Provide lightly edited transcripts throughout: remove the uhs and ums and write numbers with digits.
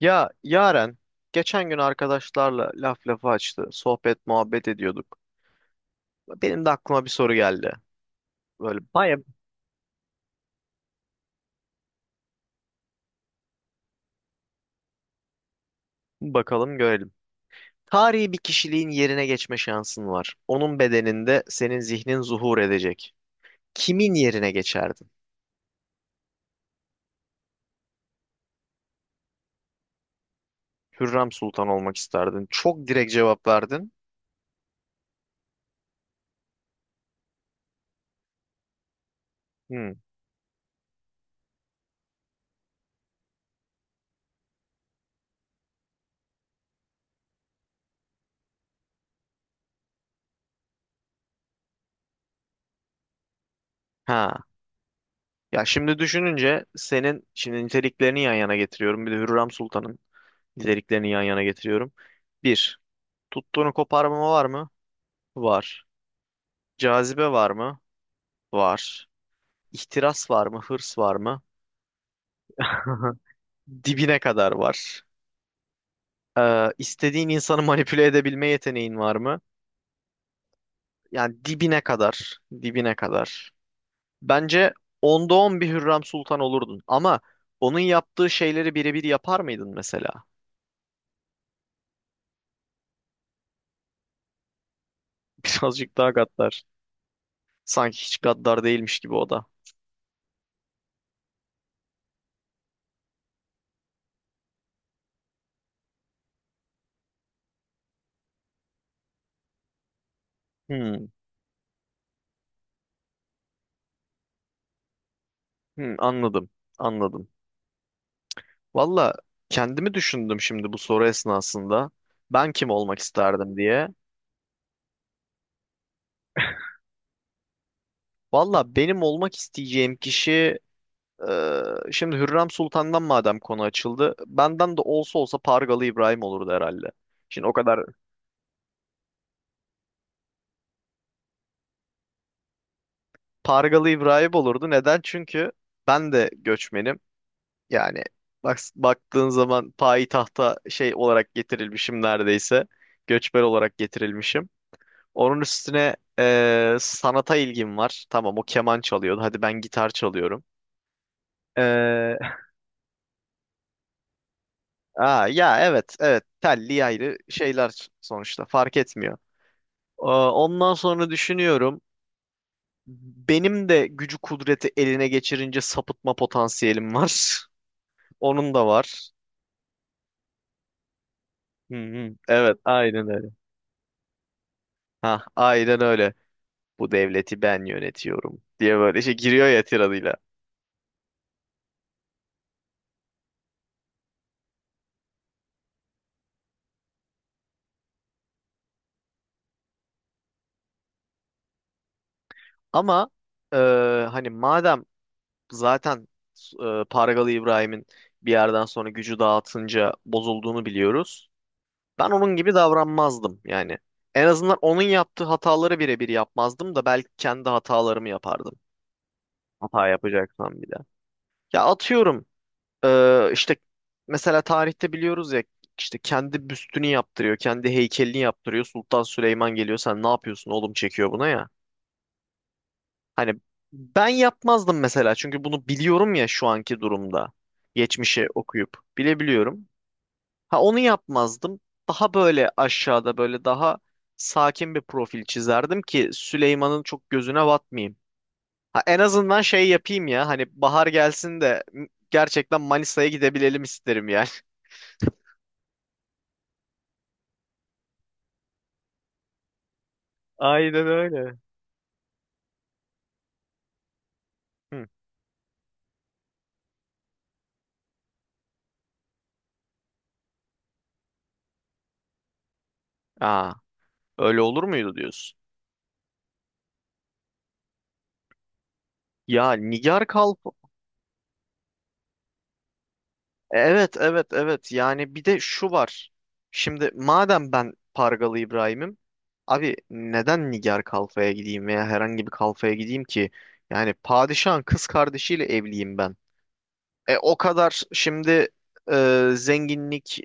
Ya Yaren, geçen gün arkadaşlarla laf lafı açtı. Sohbet muhabbet ediyorduk. Benim de aklıma bir soru geldi. Böyle baya bakalım görelim. Tarihi bir kişiliğin yerine geçme şansın var. Onun bedeninde senin zihnin zuhur edecek. Kimin yerine geçerdin? Hürrem Sultan olmak isterdin. Çok direkt cevap verdin. Hmm. Ha. Ya şimdi düşününce senin şimdi niteliklerini yan yana getiriyorum. Bir de Hürrem Sultan'ın niteliklerini yan yana getiriyorum. Bir, tuttuğunu koparmama var mı? Var. Cazibe var mı? Var. İhtiras var mı? Hırs var mı? Dibine kadar var. İstediğin insanı manipüle edebilme yeteneğin var mı? Yani dibine kadar. Dibine kadar. Bence onda on bir Hürrem Sultan olurdun. Ama onun yaptığı şeyleri birebir yapar mıydın mesela? Birazcık daha gaddar. Sanki hiç gaddar değilmiş gibi o da. Hmm, anladım. Anladım. Valla kendimi düşündüm şimdi bu soru esnasında. Ben kim olmak isterdim diye. Valla benim olmak isteyeceğim kişi eee, şimdi Hürrem Sultan'dan madem konu açıldı. Benden de olsa olsa Pargalı İbrahim olurdu herhalde. Şimdi o kadar Pargalı İbrahim olurdu. Neden? Çünkü ben de göçmenim. Yani bak, baktığın zaman payitahta şey olarak getirilmişim neredeyse. Göçmen olarak getirilmişim. Onun üstüne sanata ilgim var. Tamam o keman çalıyordu. Hadi ben gitar çalıyorum. Eee, ya evet, telli ayrı şeyler sonuçta fark etmiyor. Ondan sonra düşünüyorum. Benim de gücü kudreti eline geçirince sapıtma potansiyelim var. Onun da var. Hı hı. Evet aynen öyle. Ha, aynen öyle. Bu devleti ben yönetiyorum diye böyle şey giriyor ya tiradıyla. Ama e, hani madem zaten Pargalı İbrahim'in bir yerden sonra gücü dağıtınca bozulduğunu biliyoruz. Ben onun gibi davranmazdım yani. En azından onun yaptığı hataları birebir yapmazdım da belki kendi hatalarımı yapardım. Hata yapacaksan bir de. Ya atıyorum işte mesela tarihte biliyoruz ya işte kendi büstünü yaptırıyor, kendi heykelini yaptırıyor. Sultan Süleyman geliyor sen ne yapıyorsun oğlum çekiyor buna ya. Hani ben yapmazdım mesela çünkü bunu biliyorum ya şu anki durumda. Geçmişe okuyup bilebiliyorum. Ha onu yapmazdım. Daha böyle aşağıda böyle daha sakin bir profil çizerdim ki Süleyman'ın çok gözüne batmayayım. Ha, en azından şey yapayım ya hani bahar gelsin de gerçekten Manisa'ya gidebilelim isterim yani. Aynen öyle. Hı. Aa, öyle olur muydu diyorsun? Ya Nigar Kalp evet evet evet yani bir de şu var. Şimdi madem ben Pargalı İbrahim'im abi neden Nigar Kalfa'ya gideyim veya herhangi bir kalfaya gideyim ki? Yani padişahın kız kardeşiyle evliyim ben. E, o kadar şimdi zenginlik,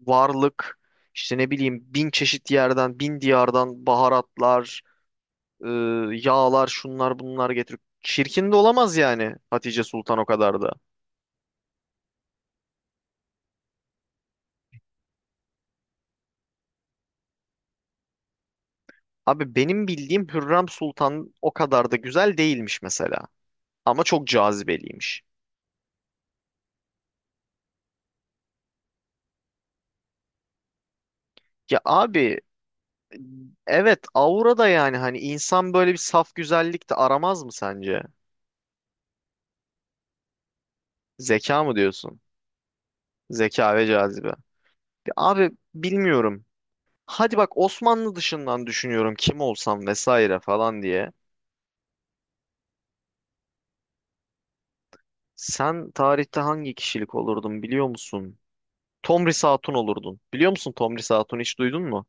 varlık, işte ne bileyim bin çeşit yerden, bin diyardan baharatlar, e, yağlar, şunlar bunlar getirip çirkin de olamaz yani Hatice Sultan o kadar da. Abi benim bildiğim Hürrem Sultan o kadar da güzel değilmiş mesela. Ama çok cazibeliymiş. Ya abi evet aura da yani hani insan böyle bir saf güzellik de aramaz mı sence? Zeka mı diyorsun? Zeka ve cazibe. Abi bilmiyorum. Hadi bak Osmanlı dışından düşünüyorum kim olsam vesaire falan diye. Sen tarihte hangi kişilik olurdun biliyor musun? Tomris Hatun olurdun. Biliyor musun Tomris Hatun hiç duydun mu?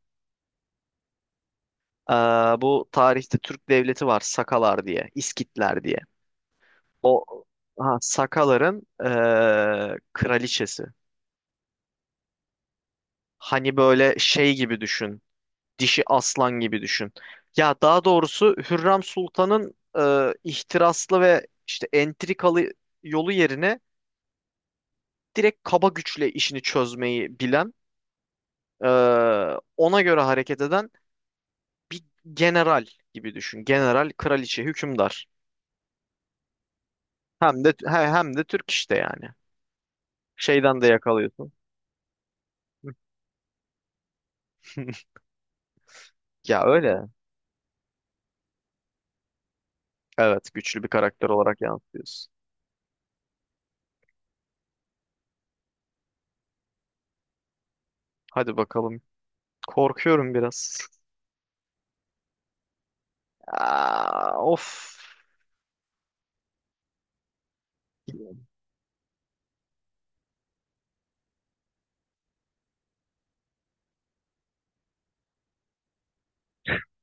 Ee, bu tarihte Türk devleti var Sakalar diye, İskitler diye. O ha, Sakaların kraliçesi. Hani böyle şey gibi düşün. Dişi aslan gibi düşün. Ya daha doğrusu Hürrem Sultan'ın ihtiraslı ve işte entrikalı yolu yerine direkt kaba güçle işini çözmeyi bilen, e, ona göre hareket eden bir general gibi düşün. General, kraliçe, hükümdar. Hem de Türk işte yani. Şeyden de yakalıyorsun. Ya öyle. Evet, güçlü bir karakter olarak yansıtıyorsun. Hadi bakalım. Korkuyorum biraz. Aa, of.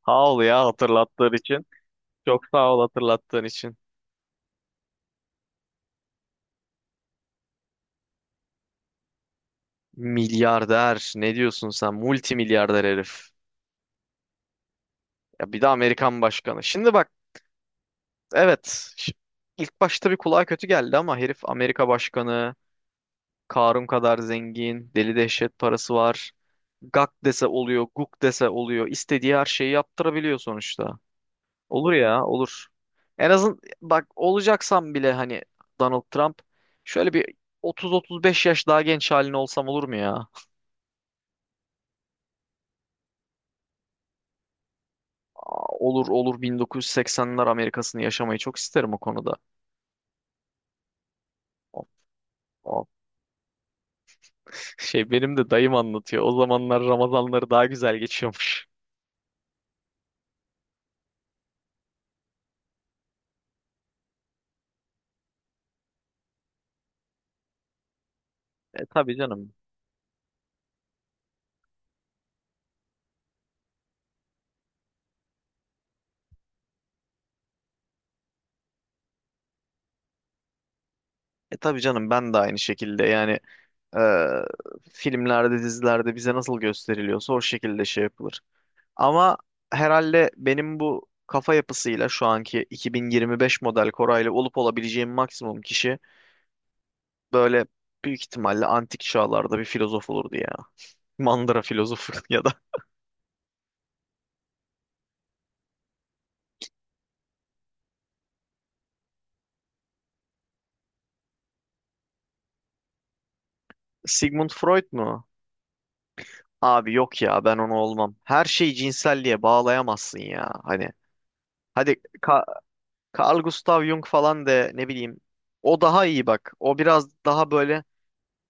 Sağ ol ya hatırlattığın için. Çok sağ ol hatırlattığın için. Milyarder ne diyorsun sen? Multimilyarder herif. Ya bir de Amerikan başkanı. Şimdi bak evet ş- ilk başta bir kulağa kötü geldi ama herif Amerika başkanı. Karun kadar zengin. Deli dehşet parası var. Gak dese oluyor, guk dese oluyor. İstediği her şeyi yaptırabiliyor sonuçta. Olur ya olur. En azın bak olacaksam bile hani Donald Trump şöyle bir 30-35 yaş daha genç halin olsam olur mu ya? Aa, olur olur 1980'ler Amerika'sını yaşamayı çok isterim o konuda. Of, of. Şey benim de dayım anlatıyor. O zamanlar Ramazanları daha güzel geçiyormuş. E tabii canım. E tabii canım ben de aynı şekilde yani e, filmlerde dizilerde bize nasıl gösteriliyorsa o şekilde şey yapılır. Ama herhalde benim bu kafa yapısıyla şu anki 2025 model Koray'la olup olabileceğim maksimum kişi böyle büyük ihtimalle antik çağlarda bir filozof olurdu ya. Mandıra filozofu ya da Sigmund Freud mu? Abi yok ya ben onu olmam. Her şeyi cinselliğe bağlayamazsın ya. Hani hadi Ka- Carl Gustav Jung falan de ne bileyim. O daha iyi bak. O biraz daha böyle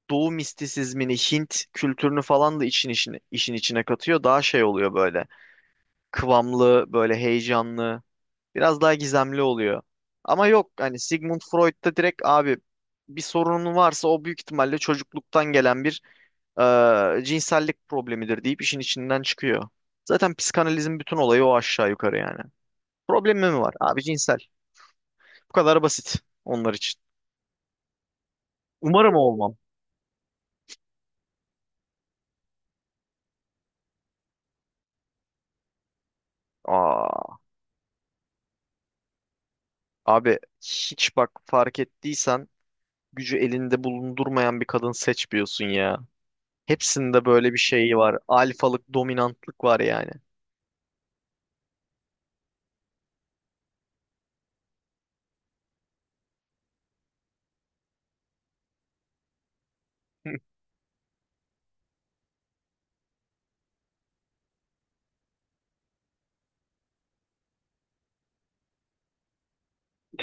Doğu mistisizmini, Hint kültürünü falan da işin içine katıyor. Daha şey oluyor böyle. Kıvamlı, böyle heyecanlı. Biraz daha gizemli oluyor. Ama yok hani Sigmund Freud'da direkt abi bir sorunun varsa o büyük ihtimalle çocukluktan gelen bir cinsellik problemidir deyip işin içinden çıkıyor. Zaten psikanalizin bütün olayı o aşağı yukarı yani. Problemi mi var? Abi cinsel. Bu kadar basit onlar için. Umarım olmam. Aa, abi hiç bak fark ettiysen gücü elinde bulundurmayan bir kadın seçmiyorsun ya. Hepsinde böyle bir şey var. Alfalık, dominantlık var yani.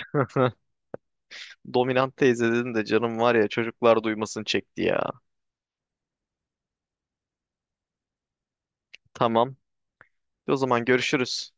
Dominant teyze dedin de canım var ya çocuklar duymasın çekti ya. Tamam. O zaman görüşürüz.